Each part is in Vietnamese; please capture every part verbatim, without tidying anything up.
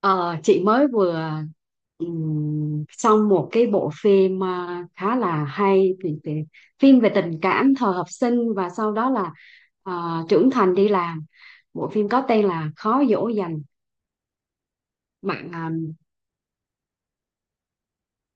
Ờ, chị mới vừa ừm, xong một cái bộ phim à, khá là hay, thì, thì, phim về tình cảm thời học sinh và sau đó là à, trưởng thành đi làm. Bộ phim có tên là Khó dỗ dành. bạn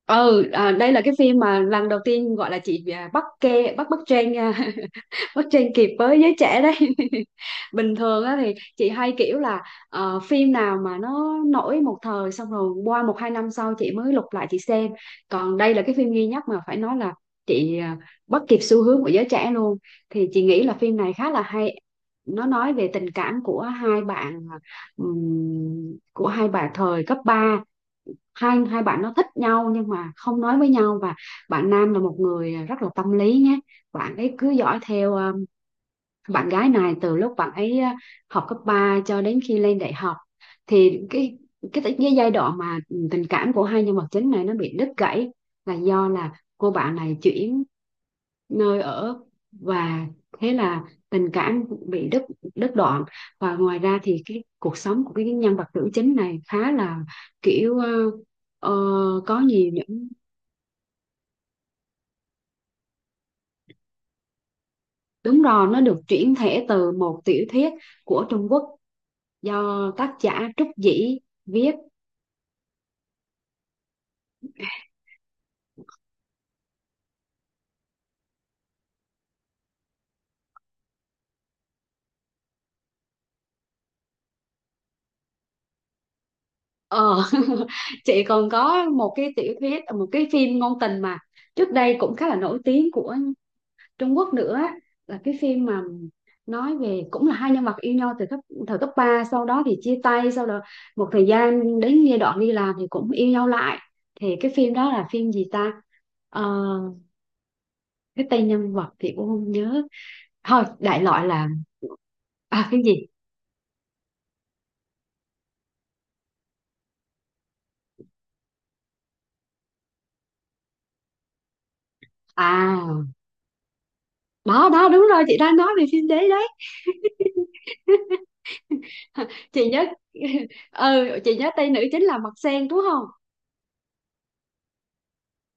ừ à, Đây là cái phim mà lần đầu tiên gọi là chị à, bắt ke bắt bắt trend, à, bắt trend kịp với giới trẻ đấy bình thường á thì chị hay kiểu là ờ, phim nào mà nó nổi một thời xong rồi qua một hai năm sau chị mới lục lại chị xem. Còn đây là cái phim duy nhất mà phải nói là chị à, bắt kịp xu hướng của giới trẻ luôn. Thì chị nghĩ là phim này khá là hay. Nó nói về tình cảm của hai bạn à, ừm, của hai bạn thời cấp ba. Hai hai bạn nó thích nhau nhưng mà không nói với nhau, và bạn nam là một người rất là tâm lý nhé. Bạn ấy cứ dõi theo ờ, bạn gái này từ lúc bạn ấy à, học cấp ba cho đến khi lên đại học. Thì cái cái cái giai đoạn mà ừ, tình cảm của hai nhân vật chính này nó bị đứt gãy là do là cô bạn này chuyển nơi ở, và thế là tình cảm bị đứt, đứt đoạn Và ngoài ra thì cái cuộc sống của cái nhân vật nữ chính này khá là kiểu ờ, ờ, có nhiều những... Đúng rồi, nó được chuyển thể từ một tiểu thuyết của Trung Quốc do tác giả Trúc Dĩ viết. ờ chị còn có một cái tiểu thuyết, một cái phim ngôn tình mà trước đây cũng khá là nổi tiếng của Trung Quốc nữa, là cái phim mà nói về cũng là hai nhân vật yêu nhau từ cấp thời cấp ba, sau đó thì chia tay, sau đó một thời gian đến giai đoạn đi làm thì cũng yêu nhau lại. Thì cái phim đó là phim gì ta? Ờ, cái tên nhân vật thì cũng không nhớ, thôi đại loại là à phim gì. À, đó đó, đúng rồi, chị đang nói về phim đấy đấy. Chị nhớ. Ừ, chị nhớ Tây nữ chính là Mặt Sen đúng không?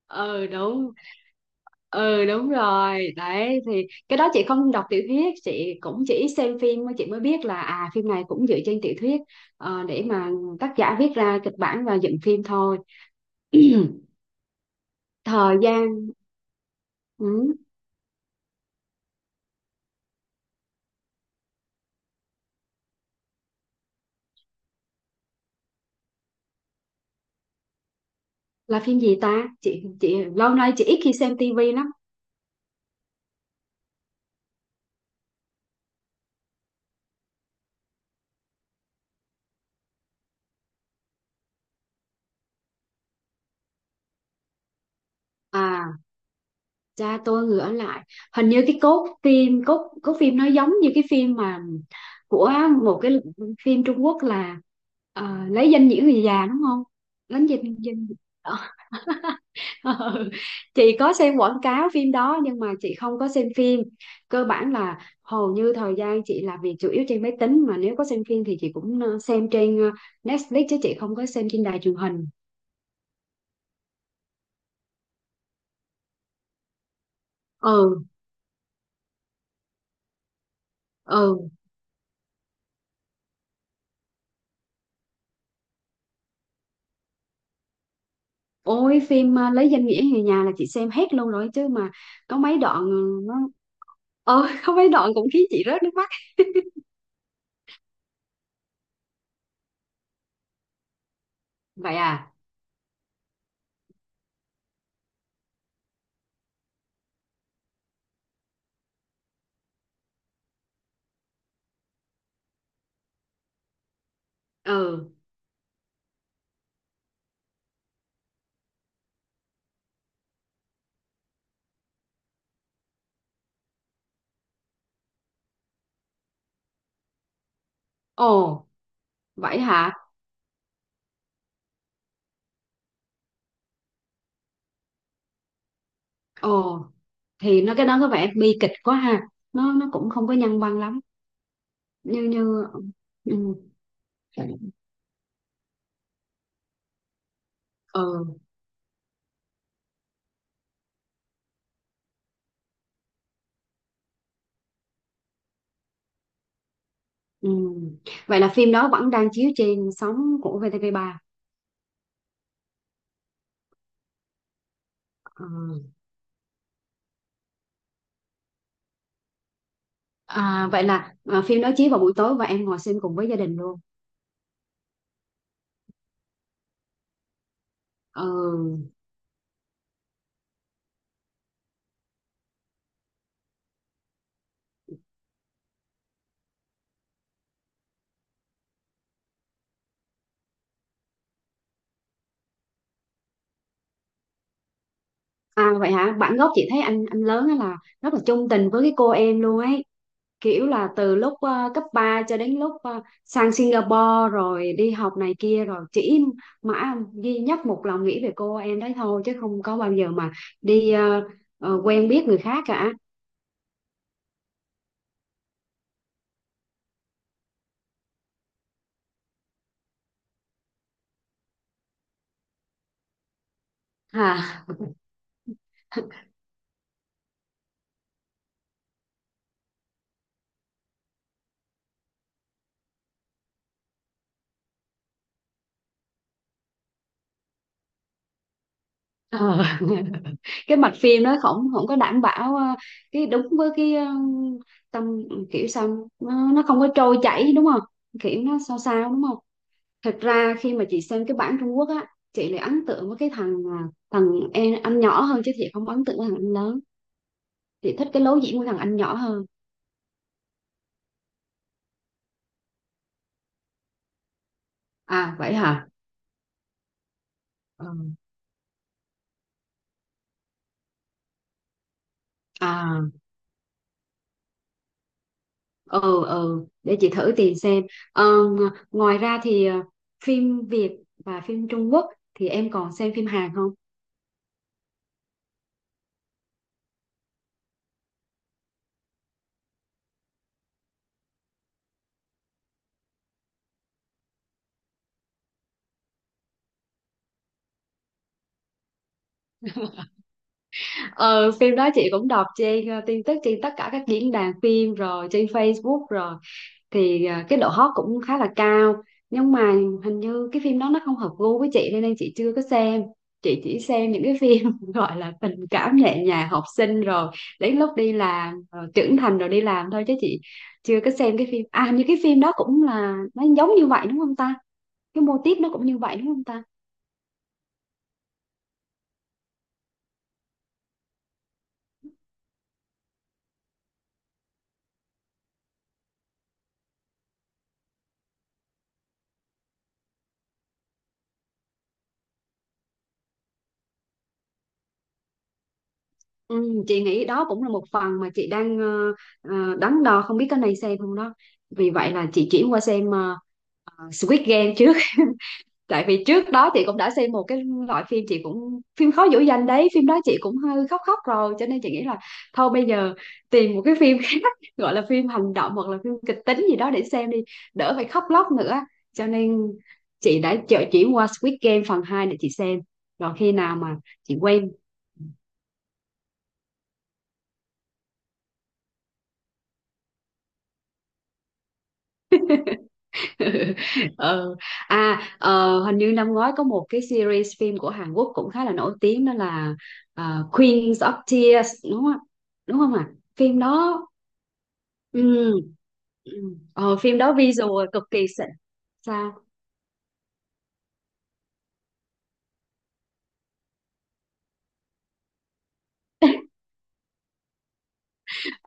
Ừ đúng. Ừ đúng rồi đấy. Thì cái đó chị không đọc tiểu thuyết, chị cũng chỉ xem phim, mới chị mới biết là à phim này cũng dựa trên tiểu thuyết, ờ, để mà tác giả viết ra kịch bản và dựng phim thôi. Thời gian ừ, là phim gì ta? Chị chị lâu nay chị ít khi xem tivi lắm. À Cha tôi người ở lại. Hình như cái cốt phim cốt cốt phim nó giống như cái phim mà của một cái phim Trung Quốc là ờ, lấy danh nghĩa người già đúng không? Lấy danh danh Ờ, chị có xem quảng cáo phim đó nhưng mà chị không có xem phim. Cơ bản là hầu như thời gian chị làm việc chủ yếu trên máy tính, mà nếu có xem phim thì chị cũng ờ, xem trên ờ, Netflix chứ chị không có xem trên đài truyền hình. Ừ. Ừ. Ôi phim à, Lấy danh nghĩa người nhà là chị xem hết luôn rồi chứ mà có mấy đoạn ờ, nó ờ có mấy đoạn cũng khiến chị rớt nước mắt. Vậy à. Ừ. Ồ. Vậy hả. Ồ. Thì nó cái đó có vẻ bi kịch quá ha, nó nó cũng không có nhân văn lắm. Như như ừ. Ừ. Ừ. Ừ. Vậy là phim đó vẫn đang chiếu trên sóng của vê tê vê ba. Ừ. À, vậy là à, phim đó chiếu vào buổi tối và em ngồi xem cùng với gia đình luôn. Ừ. À vậy hả? Bản gốc chị thấy anh anh lớn ấy là rất là chung tình với cái cô em luôn ấy. Kiểu là từ lúc ờ, cấp ba cho đến lúc ờ, sang Singapore rồi đi học này kia rồi chỉ mãi duy nhất một lòng nghĩ về cô em đấy thôi chứ không có bao giờ mà đi ờ, ờ, quen biết người khác cả. À. Ờ. Cái mạch phim nó không không có đảm bảo ờ, cái đúng với cái ờ, tâm, kiểu sao nó, nó không có trôi chảy đúng không? Kiểu nó sao sao đúng. Thật ra khi mà chị xem cái bản Trung Quốc á, chị lại ấn tượng với cái thằng, à, thằng em anh nhỏ hơn chứ chị không ấn tượng với thằng anh lớn. Chị thích cái lối diễn của thằng anh nhỏ hơn. À vậy hả. Ừ. À. ừ ừ, để chị thử tìm xem. Ờ, ng- ngoài ra thì à, phim Việt và phim Trung Quốc thì em còn xem phim Hàn không? ờ Phim đó chị cũng đọc trên, à, tin tức trên tất cả các diễn đàn phim, rồi trên Facebook rồi, thì à, cái độ hot cũng khá là cao. Nhưng mà hình như cái phim đó nó không hợp gu với chị, nên, nên chị chưa có xem. Chị chỉ xem những cái phim gọi là tình cảm nhẹ nhàng học sinh, rồi đến lúc đi làm, rồi trưởng thành, rồi đi làm thôi. Chứ chị chưa có xem cái phim à, hình như cái phim đó cũng là nó giống như vậy đúng không ta? Cái mô típ nó cũng như vậy đúng không ta? Ừ, chị nghĩ đó cũng là một phần mà chị đang ờ, ờ, đắn đo không biết cái này xem không đó. Vì vậy là chị chuyển qua xem ờ, ờ, Squid Game trước. Tại vì trước đó chị cũng đã xem một cái loại phim, chị cũng phim khó dỗ dành đấy, phim đó chị cũng hơi khóc khóc rồi, cho nên chị nghĩ là thôi bây giờ tìm một cái phim khác, gọi là phim hành động hoặc là phim kịch tính gì đó để xem đi, đỡ phải khóc lóc nữa. Cho nên chị đã chợ chuyển qua Squid Game phần hai để chị xem, rồi khi nào mà chị quen. Ờ. À ờ, hình như năm ngoái có một cái series phim của Hàn Quốc cũng khá là nổi tiếng, đó là ờ, Queens of Tears đúng không ạ? Đúng không ạ? Phim đó. Ừ. Ừ. Ờ, phim đó visual cực kỳ xịn. Sao.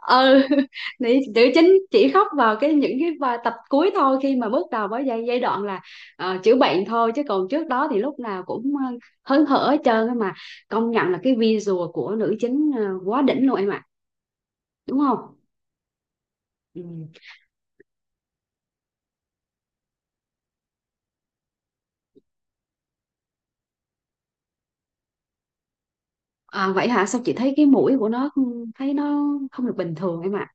Ừ. nữ, Nữ chính chỉ khóc vào cái những cái va- tập cuối thôi. Khi mà bước đầu với giai giai đoạn là ờ, chữa bệnh thôi, chứ còn trước đó thì lúc nào cũng ờ, hớn hở hết trơn á mà. Công nhận là cái visual của nữ chính ờ, quá đỉnh luôn em ạ, đúng không? Ừ. À, vậy hả? Sao chị thấy cái mũi của nó ừ, thấy nó không được bình thường em ạ.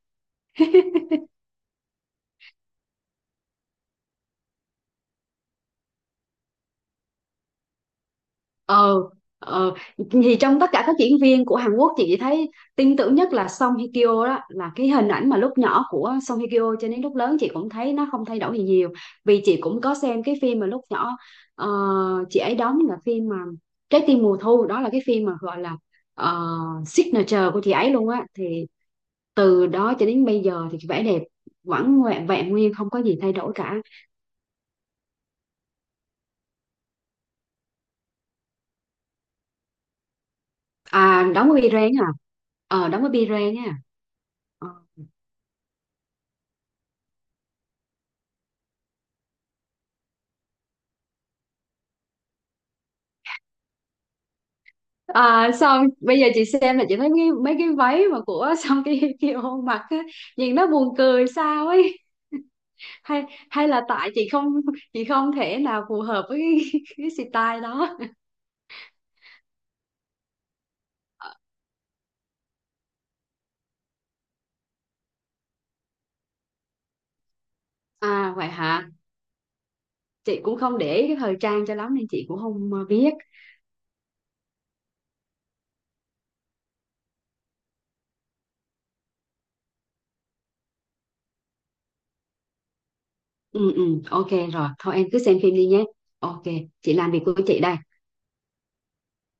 Ờ. Ờ. Thì trong tất cả các diễn viên của Hàn Quốc chị chỉ thấy tin tưởng nhất là Song Hye Kyo, đó là cái hình ảnh mà lúc nhỏ của Song Hye Kyo cho đến lúc lớn chị cũng thấy nó không thay đổi gì nhiều. Vì chị cũng có xem cái phim mà lúc nhỏ ờ, chị ấy đóng là phim mà Trái tim mùa thu, đó là cái phim mà gọi là ờ, signature của chị ấy luôn á. Thì từ đó cho đến bây giờ thì vẻ đẹp vẫn ngoẹ vẹn nguyên, không có gì thay đổi cả. À đóng với Bi Ren à. Ờ đóng với Bi Ren nha. À, xong bây giờ chị xem là chị thấy cái, mấy cái váy mà của xong cái kia hôn mặt á, nhìn nó buồn cười sao ấy. Hay, hay là tại chị không chị không thể nào phù hợp với cái, cái style đó. À vậy hả. Chị cũng không để ý cái thời trang cho lắm nên chị cũng không ờ, biết. Ừ. Ừ ok rồi, thôi em cứ xem phim đi nhé. Ok. Chị làm việc của chị đây.